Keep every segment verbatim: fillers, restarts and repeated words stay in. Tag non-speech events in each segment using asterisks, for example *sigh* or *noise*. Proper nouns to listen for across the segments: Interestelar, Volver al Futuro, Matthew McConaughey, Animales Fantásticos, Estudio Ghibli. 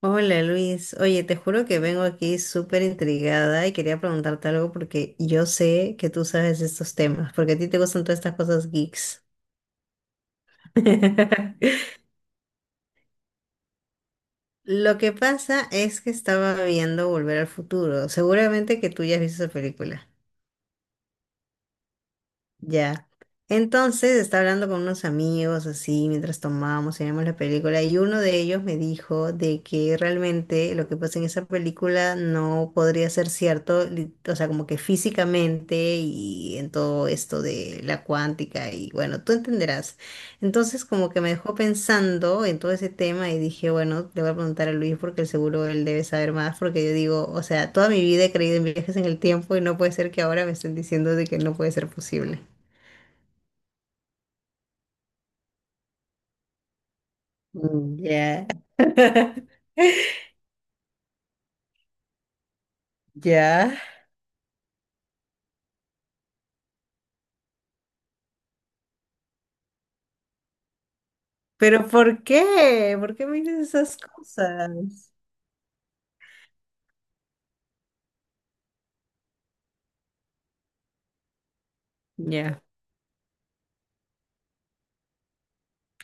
Hola Luis, oye, te juro que vengo aquí súper intrigada y quería preguntarte algo porque yo sé que tú sabes estos temas, porque a ti te gustan todas estas cosas geeks. *laughs* Lo que pasa es que estaba viendo Volver al Futuro, seguramente que tú ya has visto esa película. Ya. Entonces estaba hablando con unos amigos así mientras tomábamos y veíamos la película y uno de ellos me dijo de que realmente lo que pasa en esa película no podría ser cierto, li- o sea, como que físicamente y en todo esto de la cuántica y bueno, tú entenderás. Entonces como que me dejó pensando en todo ese tema y dije, bueno, le voy a preguntar a Luis porque seguro él debe saber más porque yo digo, o sea, toda mi vida he creído en viajes en el tiempo y no puede ser que ahora me estén diciendo de que no puede ser posible. Mm. Ya. *laughs* Ya. Pero ¿por qué? ¿Por qué me dices esas cosas? Ya,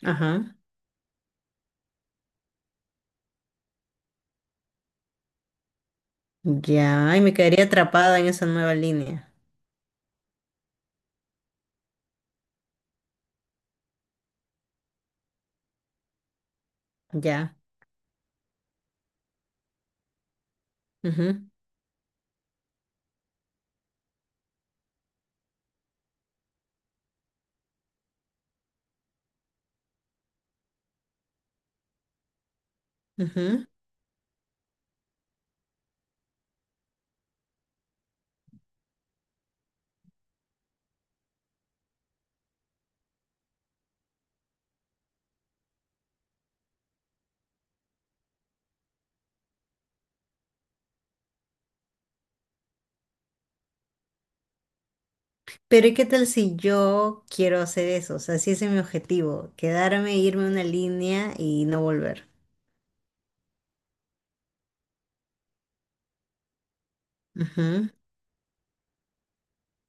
ajá. Ya, y me quedaría atrapada en esa nueva línea. Ya. Ujú, ujú. Pero ¿y qué tal si yo quiero hacer eso? O sea, si ese es mi objetivo, quedarme, e irme a una línea y no volver. Ujú,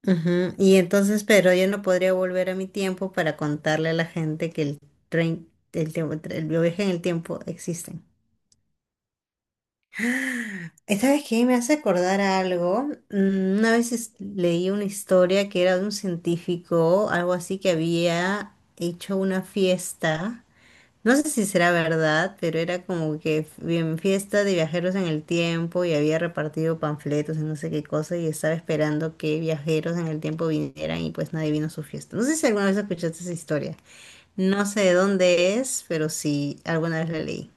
ujú. Y entonces, pero yo no podría volver a mi tiempo para contarle a la gente que el tren, el tiempo, el viaje en el tiempo existen. Esta vez que me hace acordar a algo. Mm, una vez es- leí una historia que era de un científico, algo así que había hecho una fiesta, no sé si será verdad, pero era como que f- bien fiesta de viajeros en el tiempo y había repartido panfletos y no sé qué cosa y estaba esperando que viajeros en el tiempo vinieran y pues nadie vino a su fiesta. No sé si alguna vez escuchaste esa historia, no sé de dónde es, pero sí, alguna vez la leí.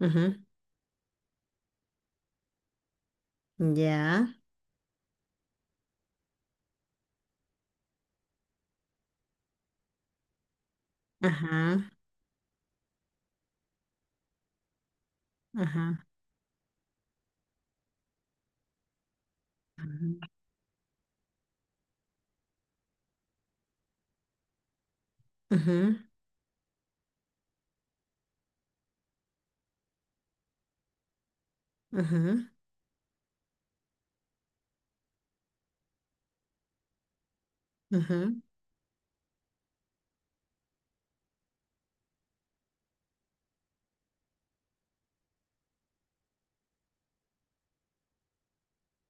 Ujú. Ya, ajá. Ajá, ajá, ajá, ajá.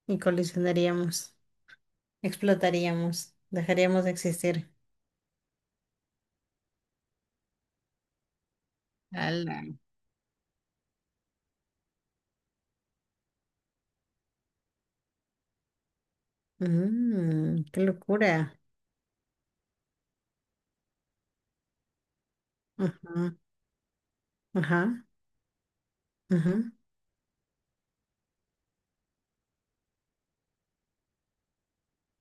Y colisionaríamos, explotaríamos, dejaríamos de existir. Ala. Mm, qué locura. Ajá, ajá, ajá.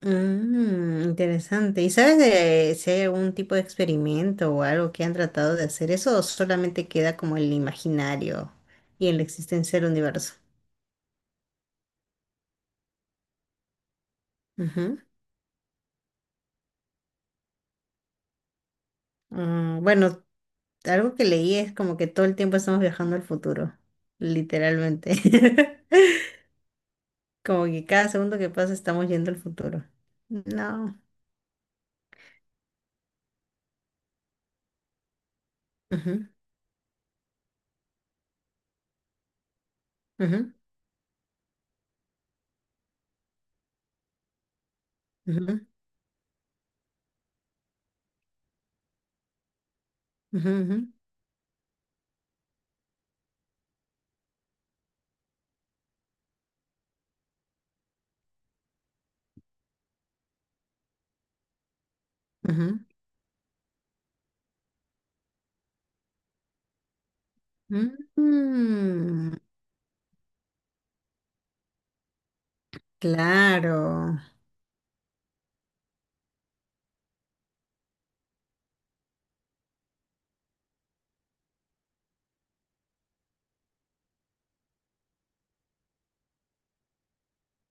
Mm, interesante. ¿Y sabes de si hay algún tipo de experimento o algo que han tratado de hacer eso o solamente queda como el imaginario y en la existencia del universo? Ujú. Ah, bueno, algo que leí es como que todo el tiempo estamos viajando al futuro, literalmente. *laughs* Como que cada segundo que pasa estamos yendo al futuro. No. Ujú, ujú, ujú, ujú, ujú, ujú, ujú. Mm, claro.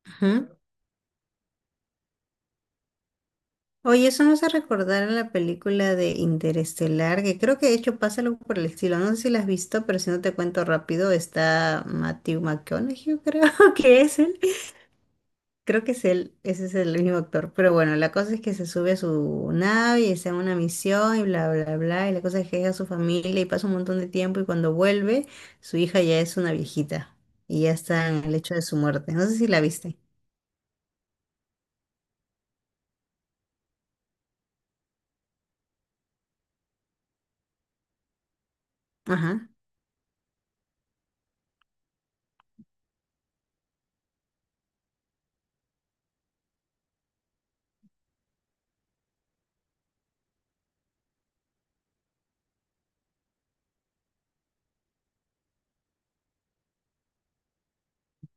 Ujú. Oye, eso nos hace recordar a la película de Interestelar, que creo que de hecho pasa algo por el estilo. No sé si la has visto, pero si no te cuento rápido, está Matthew McConaughey, creo *laughs* que es. Él Creo que es él, ese es el mismo actor. Pero bueno, la cosa es que se sube a su nave y está en una misión y bla, bla, bla. Y la cosa es que deja a su familia y pasa un montón de tiempo y cuando vuelve, su hija ya es una viejita y ya está en el hecho de su muerte. No sé si la viste. Ajá.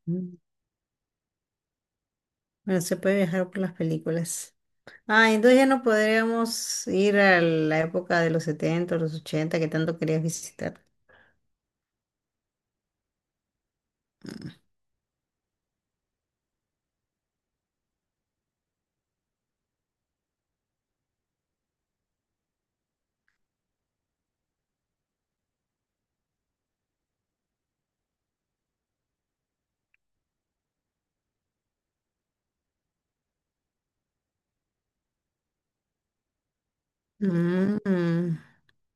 Mm. Bueno, se puede viajar por las películas. Ah, entonces ya no podríamos ir a la época de los setenta, los ochenta que tanto querías visitar. Mm,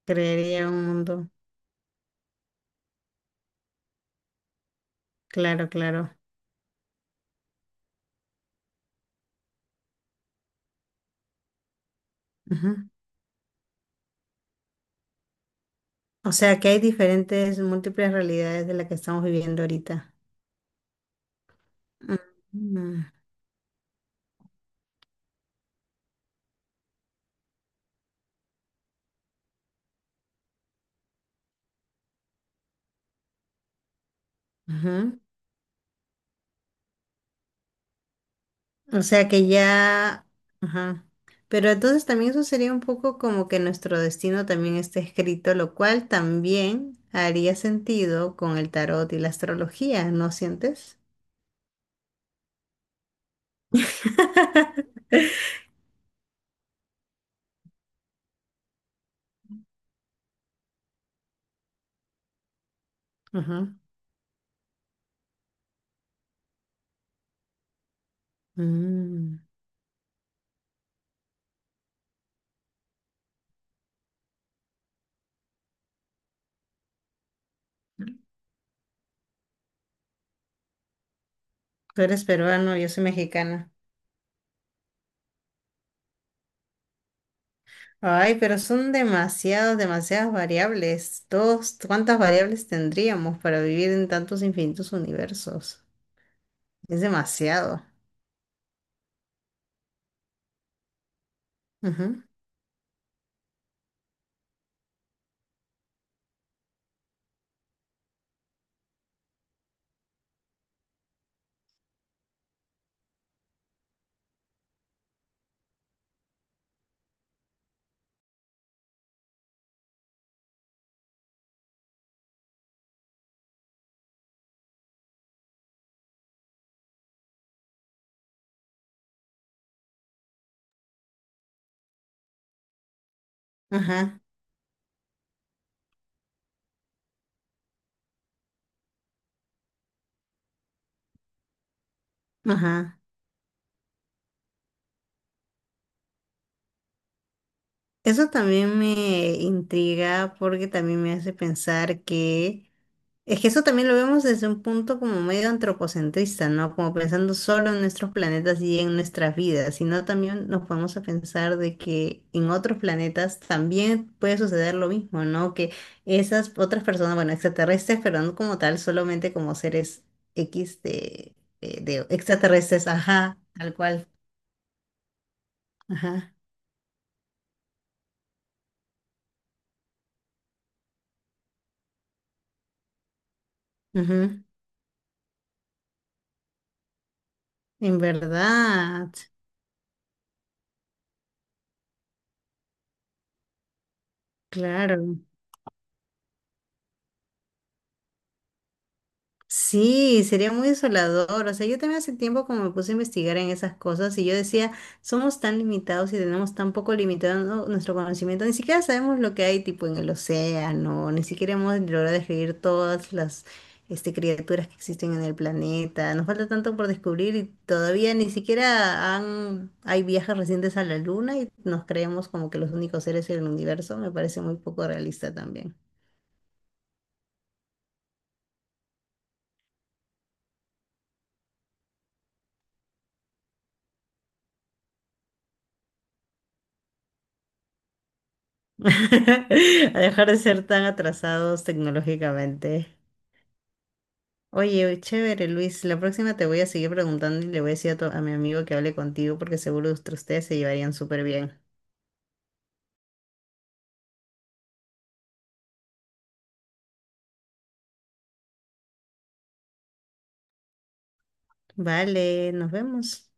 creería un mundo. Claro, claro. Ujú. O sea que hay diferentes, múltiples realidades de la que estamos viviendo ahorita. Mm, ujú. O sea que ya, ajá. Pero entonces también eso sería un poco como que nuestro destino también esté escrito, lo cual también haría sentido con el tarot y la astrología, ¿no sientes? *laughs* Ajá. Mm. Tú eres peruano, yo soy mexicana. Ay, pero son demasiadas, demasiadas variables. Todos, ¿cuántas variables tendríamos para vivir en tantos infinitos universos? Es demasiado. Ujú, ajá, ajá. Eso también me intriga porque también me hace pensar que es que eso también lo vemos desde un punto como medio antropocentrista, ¿no? Como pensando solo en nuestros planetas y en nuestras vidas, sino también nos podemos a pensar de que en otros planetas también puede suceder lo mismo, ¿no? Que esas otras personas, bueno, extraterrestres, pero no como tal, solamente como seres X de, de- de extraterrestres, ajá, tal cual, ajá, ujú, en verdad, claro. Sí, sería muy desolador. O sea, yo también hace tiempo como me puse a investigar en esas cosas y yo decía, somos tan limitados y tenemos tan poco limitado nuestro conocimiento, ni siquiera sabemos lo que hay tipo en el océano, ni siquiera hemos logrado describir todas las este, criaturas que existen en el planeta. Nos falta tanto por descubrir y todavía ni siquiera han, hay viajes recientes a la luna y nos creemos como que los únicos seres en el universo. Me parece muy poco realista también. *laughs* A dejar de ser tan atrasados tecnológicamente. Oye, chévere, Luis. La próxima te voy a seguir preguntando y le voy a decir a, tu- a mi amigo que hable contigo porque seguro que ustedes se llevarían súper bien. Vale, nos vemos.